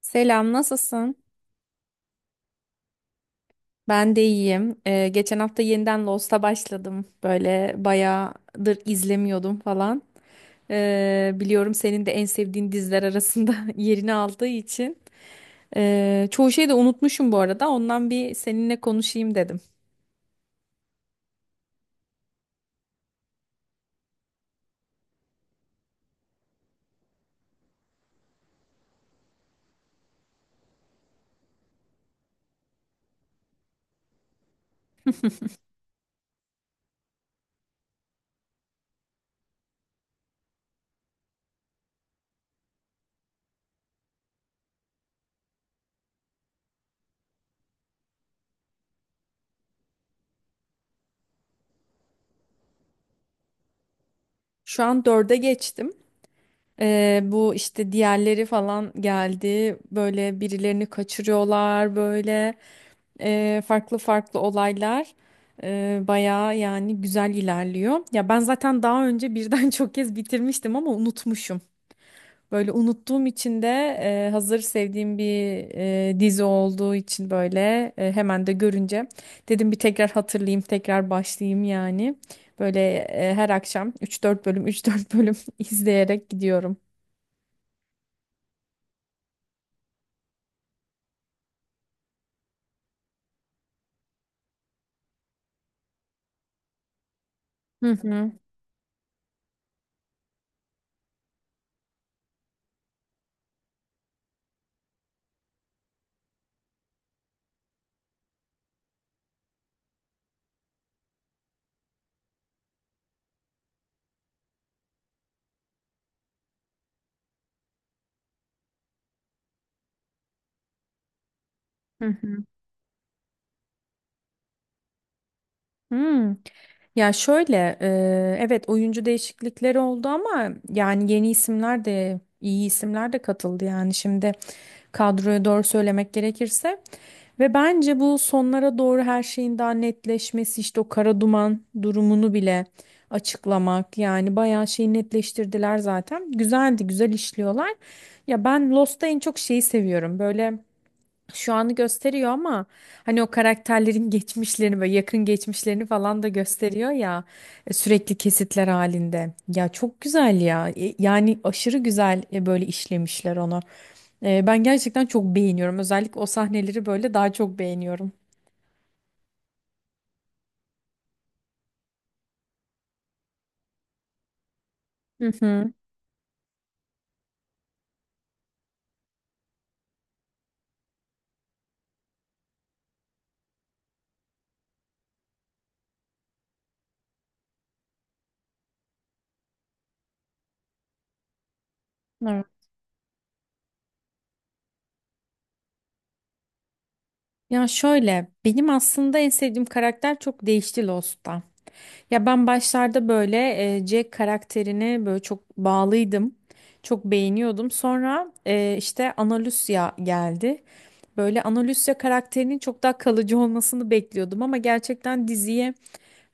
Selam, nasılsın? Ben de iyiyim. Geçen hafta yeniden Lost'a başladım. Böyle bayağıdır izlemiyordum falan. Biliyorum senin de en sevdiğin diziler arasında yerini aldığı için. Çoğu şeyi de unutmuşum bu arada. Ondan bir seninle konuşayım dedim. Şu an dörde geçtim. Bu işte diğerleri falan geldi. Böyle birilerini kaçırıyorlar böyle. Farklı farklı olaylar bayağı yani güzel ilerliyor. Ya ben zaten daha önce birden çok kez bitirmiştim ama unutmuşum. Böyle unuttuğum için de hazır sevdiğim bir dizi olduğu için böyle hemen de görünce dedim bir tekrar hatırlayayım, tekrar başlayayım yani. Böyle her akşam üç dört bölüm üç dört bölüm izleyerek gidiyorum. Hı hı. Hı hı. Hmm. Ya şöyle, evet oyuncu değişiklikleri oldu ama yani yeni isimler de iyi isimler de katıldı yani şimdi kadroya doğru söylemek gerekirse ve bence bu sonlara doğru her şeyin daha netleşmesi işte o kara duman durumunu bile açıklamak yani bayağı şeyi netleştirdiler zaten güzeldi güzel işliyorlar ya ben Lost'ta en çok şeyi seviyorum böyle şu anı gösteriyor ama hani o karakterlerin geçmişlerini böyle yakın geçmişlerini falan da gösteriyor ya sürekli kesitler halinde. Ya çok güzel ya. Yani aşırı güzel böyle işlemişler onu. Ben gerçekten çok beğeniyorum. Özellikle o sahneleri böyle daha çok beğeniyorum. Hı hı. Evet. Ya şöyle benim aslında en sevdiğim karakter çok değişti Lost'ta. Ya ben başlarda böyle Jack karakterine böyle çok bağlıydım. Çok beğeniyordum. Sonra işte Ana Lucia geldi. Böyle Ana Lucia karakterinin çok daha kalıcı olmasını bekliyordum ama gerçekten diziye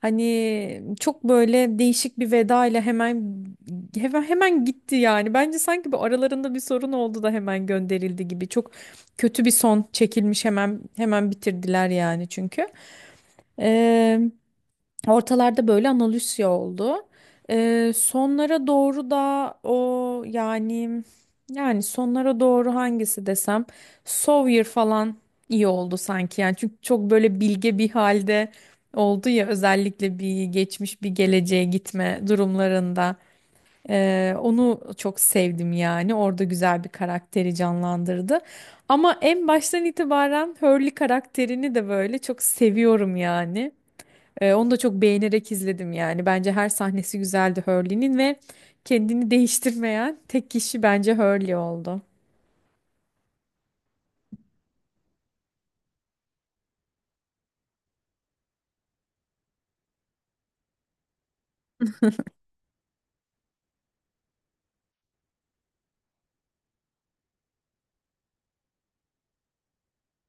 hani çok böyle değişik bir veda ile hemen hemen gitti yani. Bence sanki bu aralarında bir sorun oldu da hemen gönderildi gibi. Çok kötü bir son çekilmiş hemen hemen bitirdiler yani çünkü. Ortalarda böyle analüsya oldu. Sonlara doğru da o yani sonlara doğru hangisi desem Sawyer falan iyi oldu sanki yani çünkü çok böyle bilge bir halde oldu ya özellikle bir geçmiş bir geleceğe gitme durumlarında. Onu çok sevdim yani orada güzel bir karakteri canlandırdı. Ama en baştan itibaren Hurley karakterini de böyle çok seviyorum yani. Onu da çok beğenerek izledim yani. Bence her sahnesi güzeldi Hurley'nin ve kendini değiştirmeyen tek kişi bence Hurley oldu.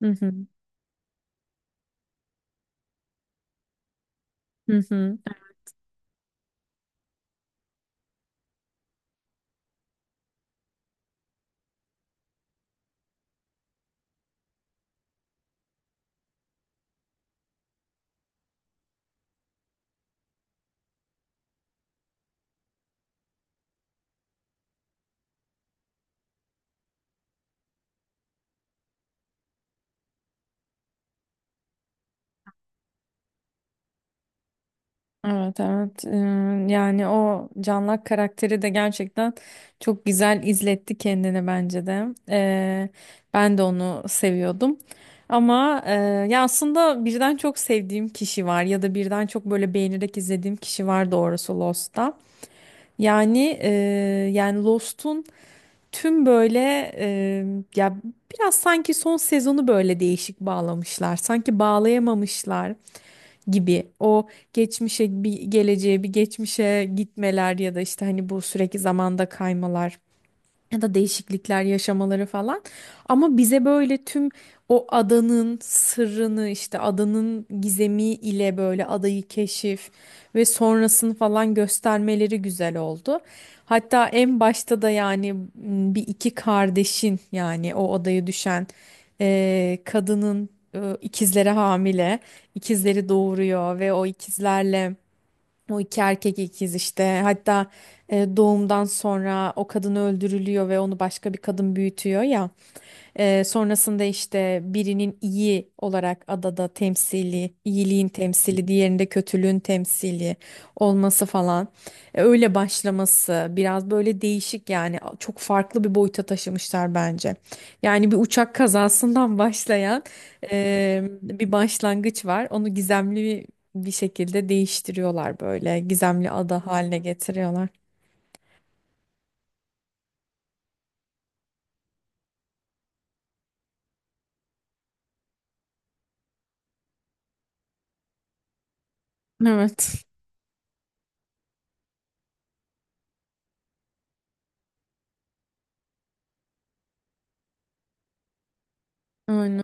Hı hı. Hı hı. Evet evet. Yani o Canlak karakteri de gerçekten çok güzel izletti kendini bence de. Ben de onu seviyordum. Ama ya aslında birden çok sevdiğim kişi var ya da birden çok böyle beğenerek izlediğim kişi var doğrusu Lost'ta. Yani Lost'un tüm böyle e, ya biraz sanki son sezonu böyle değişik bağlamışlar. Sanki bağlayamamışlar gibi. O geçmişe bir geleceğe bir geçmişe gitmeler ya da işte hani bu sürekli zamanda kaymalar ya da değişiklikler yaşamaları falan. Ama bize böyle tüm o adanın sırrını işte adanın gizemi ile böyle adayı keşif ve sonrasını falan göstermeleri güzel oldu. Hatta en başta da yani bir iki kardeşin yani o adaya düşen kadının ikizleri hamile, ikizleri doğuruyor ve o ikizlerle o iki erkek ikiz işte. Hatta doğumdan sonra o kadın öldürülüyor ve onu başka bir kadın büyütüyor ya. Sonrasında işte birinin iyi olarak adada temsili, iyiliğin temsili, diğerinde kötülüğün temsili olması falan. Öyle başlaması biraz böyle değişik yani çok farklı bir boyuta taşımışlar bence. Yani bir uçak kazasından başlayan bir başlangıç var. Onu gizemli bir şekilde değiştiriyorlar böyle gizemli ada haline getiriyorlar. Evet. Aynen.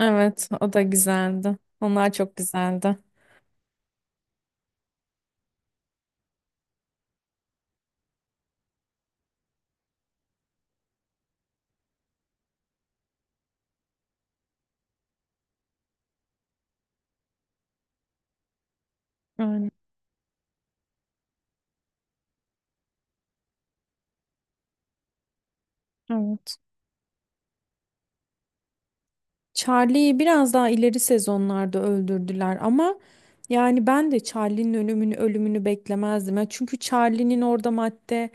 Evet, o da güzeldi. Onlar çok güzeldi. Aynen. Evet. Charlie'yi biraz daha ileri sezonlarda öldürdüler ama yani ben de Charlie'nin ölümünü beklemezdim. Ya çünkü Charlie'nin orada madde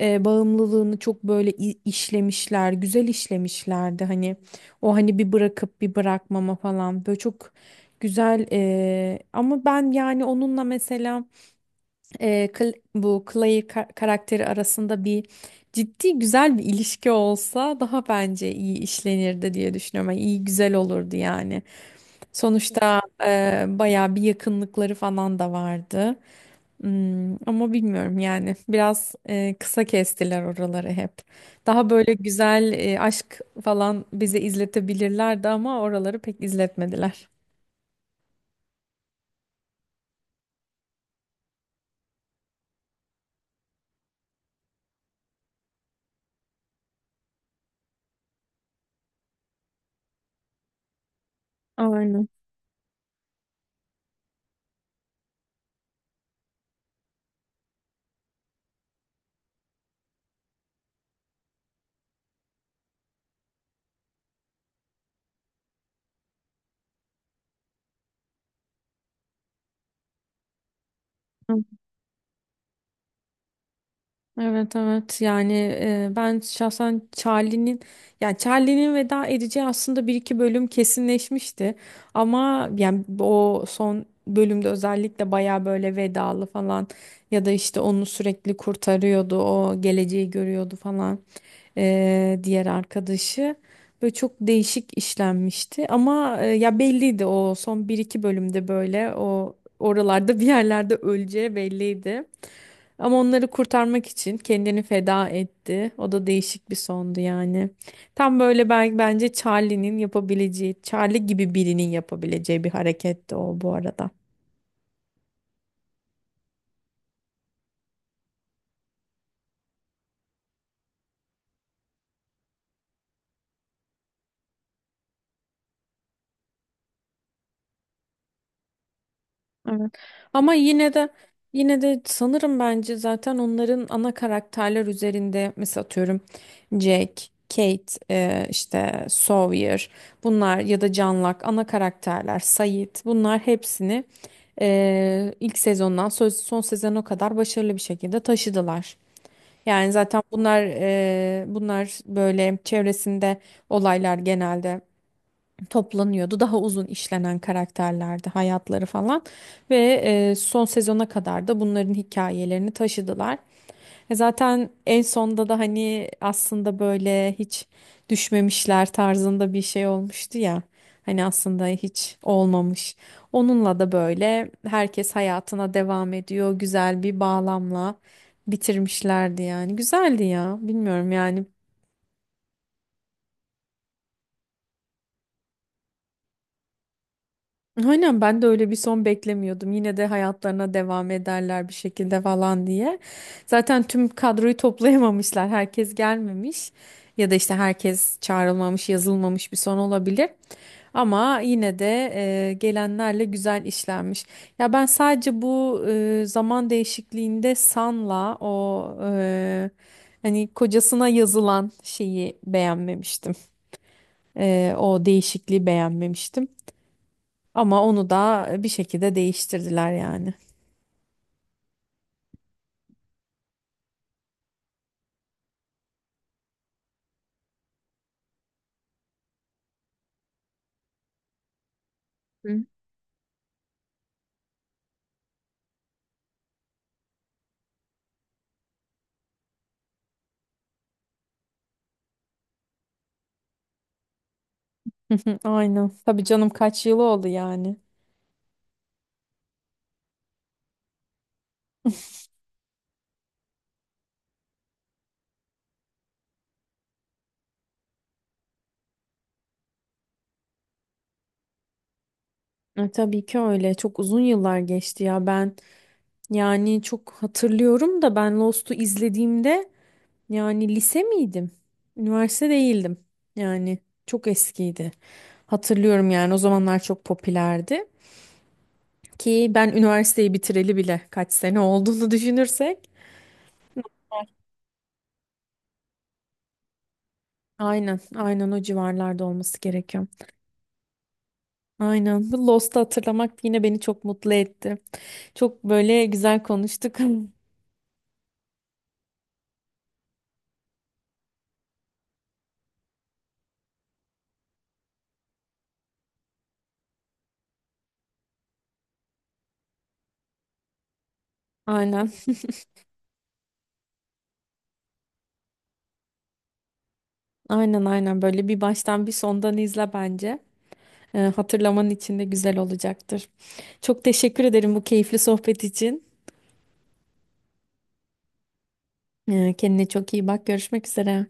bağımlılığını çok böyle işlemişler, güzel işlemişlerdi. Hani o hani bir bırakıp bir bırakmama falan böyle çok güzel ama ben yani onunla mesela bu Clay karakteri arasında bir ciddi güzel bir ilişki olsa daha bence iyi işlenirdi diye düşünüyorum. Yani iyi güzel olurdu yani. Sonuçta bayağı bir yakınlıkları falan da vardı. Ama bilmiyorum yani biraz kısa kestiler oraları hep. Daha böyle güzel aşk falan bize izletebilirlerdi ama oraları pek izletmediler. Aynen. Evet evet yani ben şahsen Charlie'nin yani Charlie'nin veda edeceği aslında bir iki bölüm kesinleşmişti ama yani o son bölümde özellikle baya böyle vedalı falan ya da işte onu sürekli kurtarıyordu o geleceği görüyordu falan diğer arkadaşı böyle çok değişik işlenmişti ama ya belliydi o son bir iki bölümde böyle o oralarda bir yerlerde öleceği belliydi. Ama onları kurtarmak için kendini feda etti. O da değişik bir sondu yani. Tam böyle ben, bence Charlie'nin yapabileceği, Charlie gibi birinin yapabileceği bir hareketti o bu arada. Evet. Ama yine de sanırım bence zaten onların ana karakterler üzerinde mesela atıyorum Jack, Kate, işte Sawyer bunlar ya da John ana karakterler, Sayit, bunlar hepsini ilk sezondan son sezona kadar başarılı bir şekilde taşıdılar. Yani zaten bunlar böyle çevresinde olaylar genelde toplanıyordu. Daha uzun işlenen karakterlerdi hayatları falan ve son sezona kadar da bunların hikayelerini taşıdılar. Zaten en sonda da hani aslında böyle hiç düşmemişler tarzında bir şey olmuştu ya. Hani aslında hiç olmamış. Onunla da böyle herkes hayatına devam ediyor. Güzel bir bağlamla bitirmişlerdi yani. Güzeldi ya. Bilmiyorum yani. Aynen ben de öyle bir son beklemiyordum. Yine de hayatlarına devam ederler bir şekilde falan diye. Zaten tüm kadroyu toplayamamışlar. Herkes gelmemiş ya da işte herkes çağrılmamış, yazılmamış bir son olabilir. Ama yine de gelenlerle güzel işlenmiş. Ya ben sadece bu zaman değişikliğinde San'la o hani kocasına yazılan şeyi beğenmemiştim. O değişikliği beğenmemiştim. Ama onu da bir şekilde değiştirdiler yani. Hı. Aynen. Tabii canım kaç yılı oldu yani. Tabii ki öyle. Çok uzun yıllar geçti ya. Ben yani çok hatırlıyorum da ben Lost'u izlediğimde yani lise miydim? Üniversite değildim. Yani çok eskiydi. Hatırlıyorum yani o zamanlar çok popülerdi. Ki ben üniversiteyi bitireli bile kaç sene olduğunu düşünürsek. Aynen, aynen o civarlarda olması gerekiyor. Aynen. Bu Lost'u hatırlamak yine beni çok mutlu etti. Çok böyle güzel konuştuk. Aynen. Aynen aynen. Böyle bir baştan bir sondan izle bence. Hatırlaman için de güzel olacaktır. Çok teşekkür ederim bu keyifli sohbet için. Kendine çok iyi bak. Görüşmek üzere.